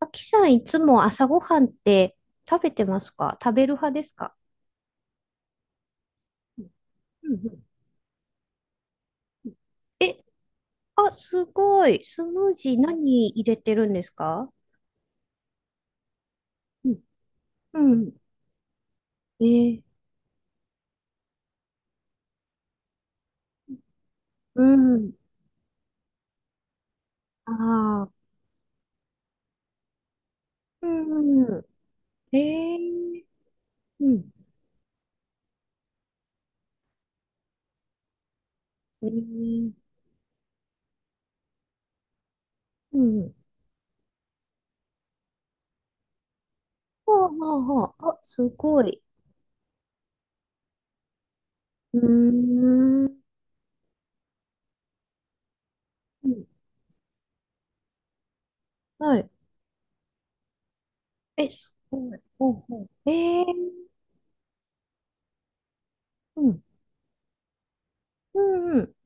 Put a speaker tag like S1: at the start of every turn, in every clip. S1: あきさん、いつも朝ごはんって食べてますか？食べる派ですか？うん。うん。うんえ、あ、すごい。スムージー何入れてるんですか？うん。うん。えー、うん。ああ、うん。えー、うん。えー、うん。はあはあはあ。あ、すごい。うーん。はい。え、すごい。ほうほう。うん。うん。うん。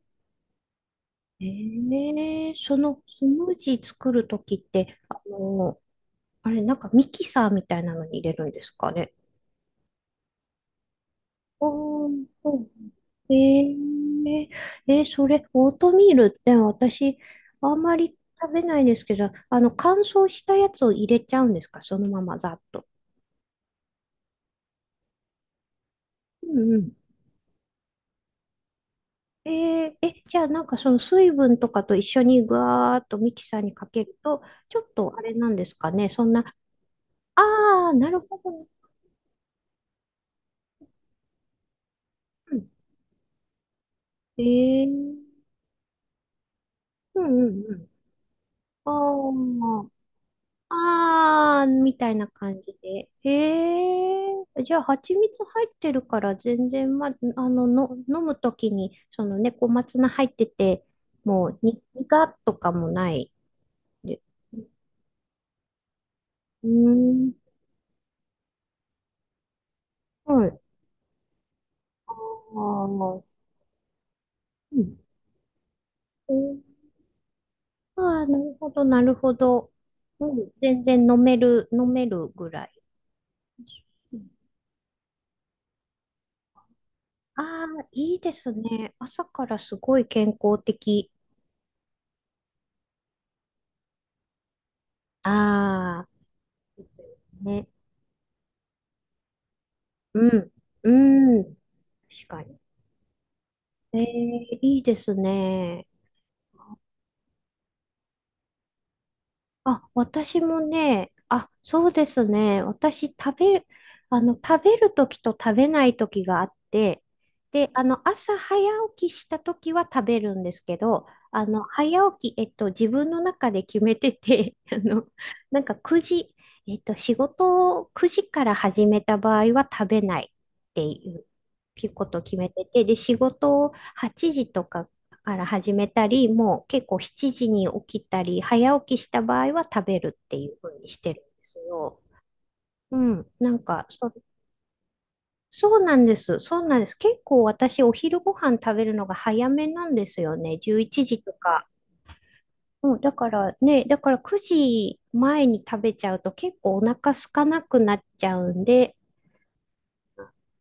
S1: ええ、そのスムージー作るときって、あの、あれ、なんかミキサーみたいなのに入れるんですかね？おあ、そう。えそれ、オートミールって私、あんまり食べないですけど、乾燥したやつを入れちゃうんですか？そのままざっと。うん。うん。えーえ、じゃあなんかその水分とかと一緒にぐわーっとミキサーにかけると、ちょっとあれなんですかね、そんな、ああ、なるほど。うん。えーうん。うん。うん。おー。あー、みたいな感じで。へえ。じゃあ、蜂蜜入ってるから、全然、ま、あの、の、飲むときに、そのね、小松菜入ってて、もう、苦っとかもない。で、うーん。はい。あー、うん。うん、あー、なるほど、なるほど。うん、全然飲める、飲めるぐらい。ああ、いいですね。朝からすごい健康的。ああ、ね。うん。うん。確かに。えー、いいですね。あ、私もね、あ、そうですね。私、食べる、あの、食べるときと食べないときがあって、で、朝早起きしたときは食べるんですけど、あの、早起き、えっと、自分の中で決めてて、なんか9時、仕事を9時から始めた場合は食べないっていうことを決めてて、で、仕事を8時とかから始めたり、もう結構7時に起きたり、早起きした場合は食べるっていう風にしてるんですよ。うん、なんかそうなんです。そうなんです。結構私、お昼ご飯食べるのが早めなんですよね。11時とか。うん、だから9時前に食べちゃうと結構お腹空かなくなっちゃうんで、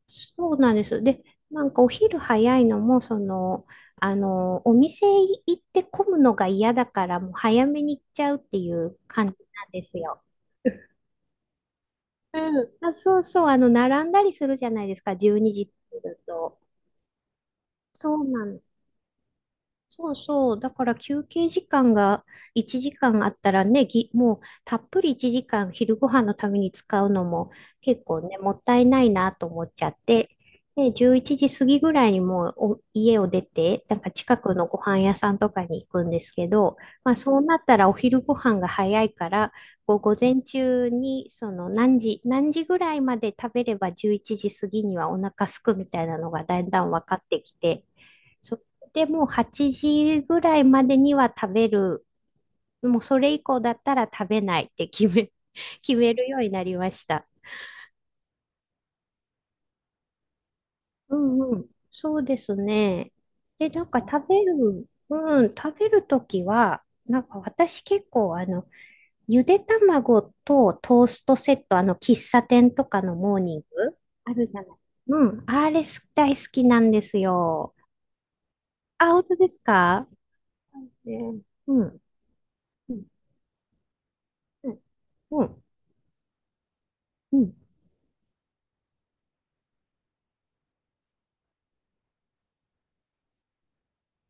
S1: そうなんです。で、なんかお昼早いのも、お店行って混むのが嫌だから、もう早めに行っちゃうっていう感じなんですよ。うん。あ、そうそう、並んだりするじゃないですか、12時って言と。そうなの。そうそう。だから休憩時間が1時間あったらね、もうたっぷり1時間昼ご飯のために使うのも結構ね、もったいないなと思っちゃって、で、11時過ぎぐらいにもうお家を出て、なんか近くのご飯屋さんとかに行くんですけど、まあそうなったらお昼ご飯が早いから、こう午前中にその何時、何時ぐらいまで食べれば11時過ぎにはお腹空くみたいなのがだんだん分かってきて、そでも8時ぐらいまでには食べる。もうそれ以降だったら食べないって決めるようになりました。うん。うん。そうですね。で、なんか食べる、うん、食べるときは、なんか私結構ゆで卵とトーストセット、喫茶店とかのモーニングあるじゃない。うん、あれす大好きなんですよ。あ、本当ですかね？うん。うん。うん。うん。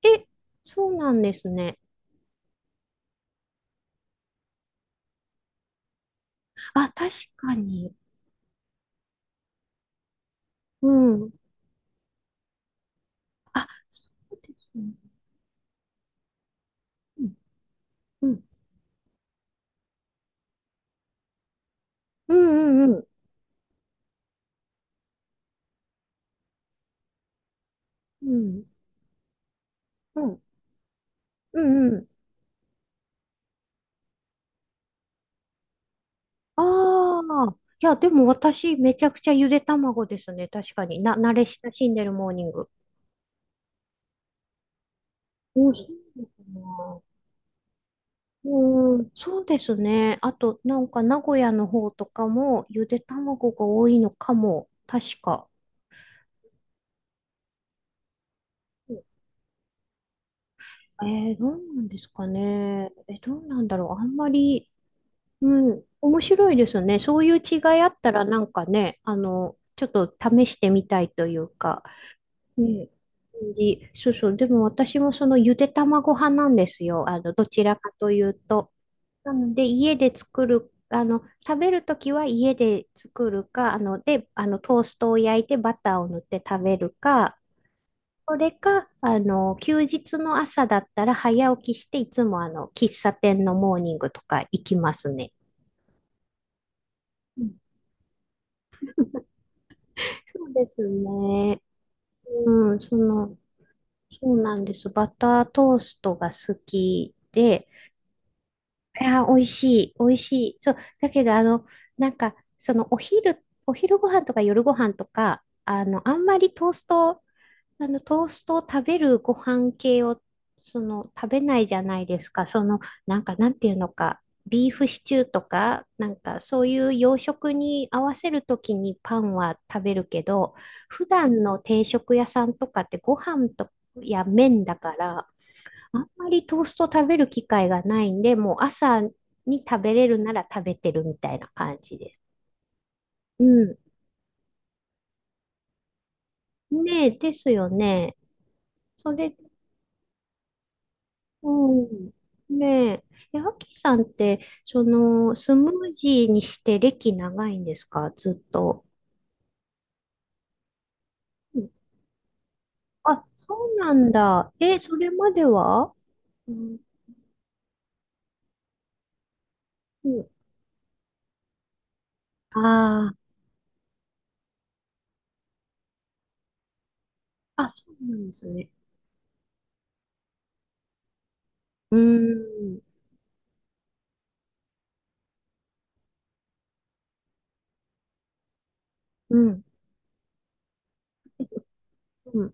S1: え、そうなんですね。あ、確かに。うん。あ、うん、うん、うん、うん、うん、うん、うん、うん。ああ、いや、でも私、めちゃくちゃゆで卵ですね。確かに。慣れ親しんでるモーニング。うん、そうかな。うん、そうですね。あと、なんか、名古屋の方とかも、ゆで卵が多いのかも。確か。えどうなんですかね。え、どうなんだろう。あんまり、うん、面白いですね。そういう違いあったらなんかね、ちょっと試してみたいというか、ね、感じそうそう。でも私もそのゆで卵派なんですよ。どちらかというと。なので、家で作る、食べるときは家で作るか、あの、で、あの、トーストを焼いてバターを塗って食べるか、それか、休日の朝だったら早起きして、いつも喫茶店のモーニングとか行きますね。そうですね。うん、そうなんです。バタートーストが好きで、いや、美味しい。そう、だけど、お昼ご飯とか夜ご飯とか、あんまりトーストトーストを食べるご飯系を、食べないじゃないですか。なんていうのか、ビーフシチューとか、なんか、そういう洋食に合わせるときにパンは食べるけど、普段の定食屋さんとかってご飯とや麺だから、あんまりトースト食べる機会がないんで、もう朝に食べれるなら食べてるみたいな感じです。うん。ねえ、ですよね。それ、うん。ねえ。え、アキさんって、スムージーにして歴長いんですか？ずっと。うん。あ、そうなんだ。え、それまでは？うん。うん。ああ、あ、そうなんですね。うーん。うん。うん。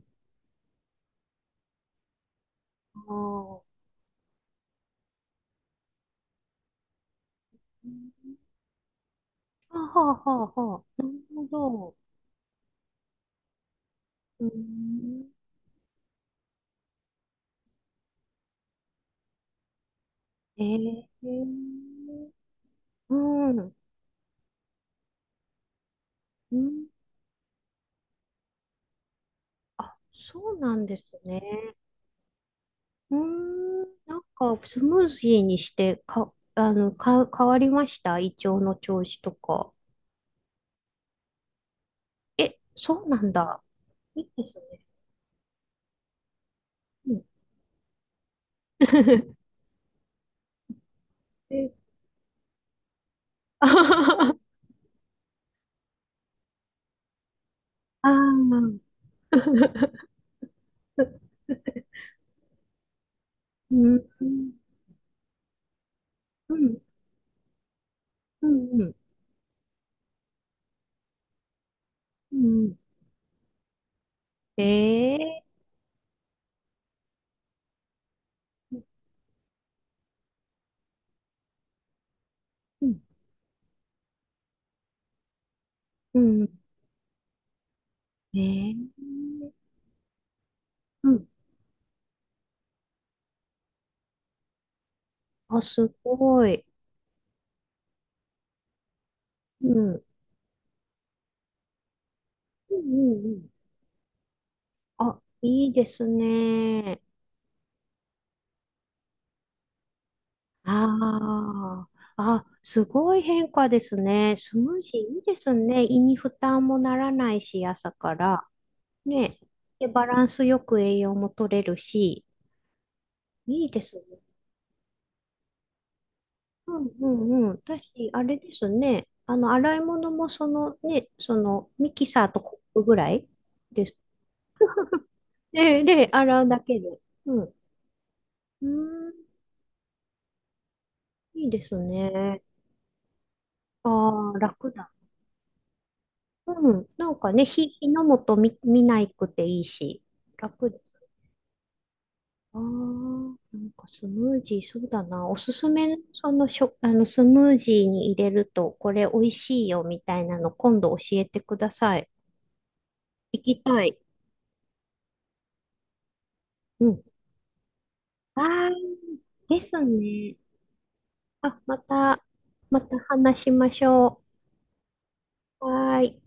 S1: あー、あ。はあ、はあ、はあ。なるほど。うーん。えー、うん。うん。あ、そうなんですね。うーん、なんかスムージーにしてか、あの、か、変わりました？胃腸の調子とか。え、そうなんだ。いいですね。うん。え、あはは、あー。うん、うん、うん、うん、うん。えーうん、うん、ええーうん。あ、すごい。うん、うん、うん。うん、あ、いいですね。ああ、あ、すごい変化ですね。スムージーいいですね。胃に負担もならないし、朝から。ね。で、バランスよく栄養も取れるし、いいですね。うん。うん。うん。私、あれですね。洗い物もそのね、そのミキサーとコップぐらいです。で、洗うだけで。うん。うーん、いいですね。ああ、楽だ。うん。なんかね、火の元見ないくていいし、楽です。ああ、なんかスムージー、そうだな。おすすめの、そのしょ、あの、スムージーに入れると、これ美味しいよみたいなの、今度教えてください。行きたい。うん。ああ、ですね。あ、また話しましょう。はーい。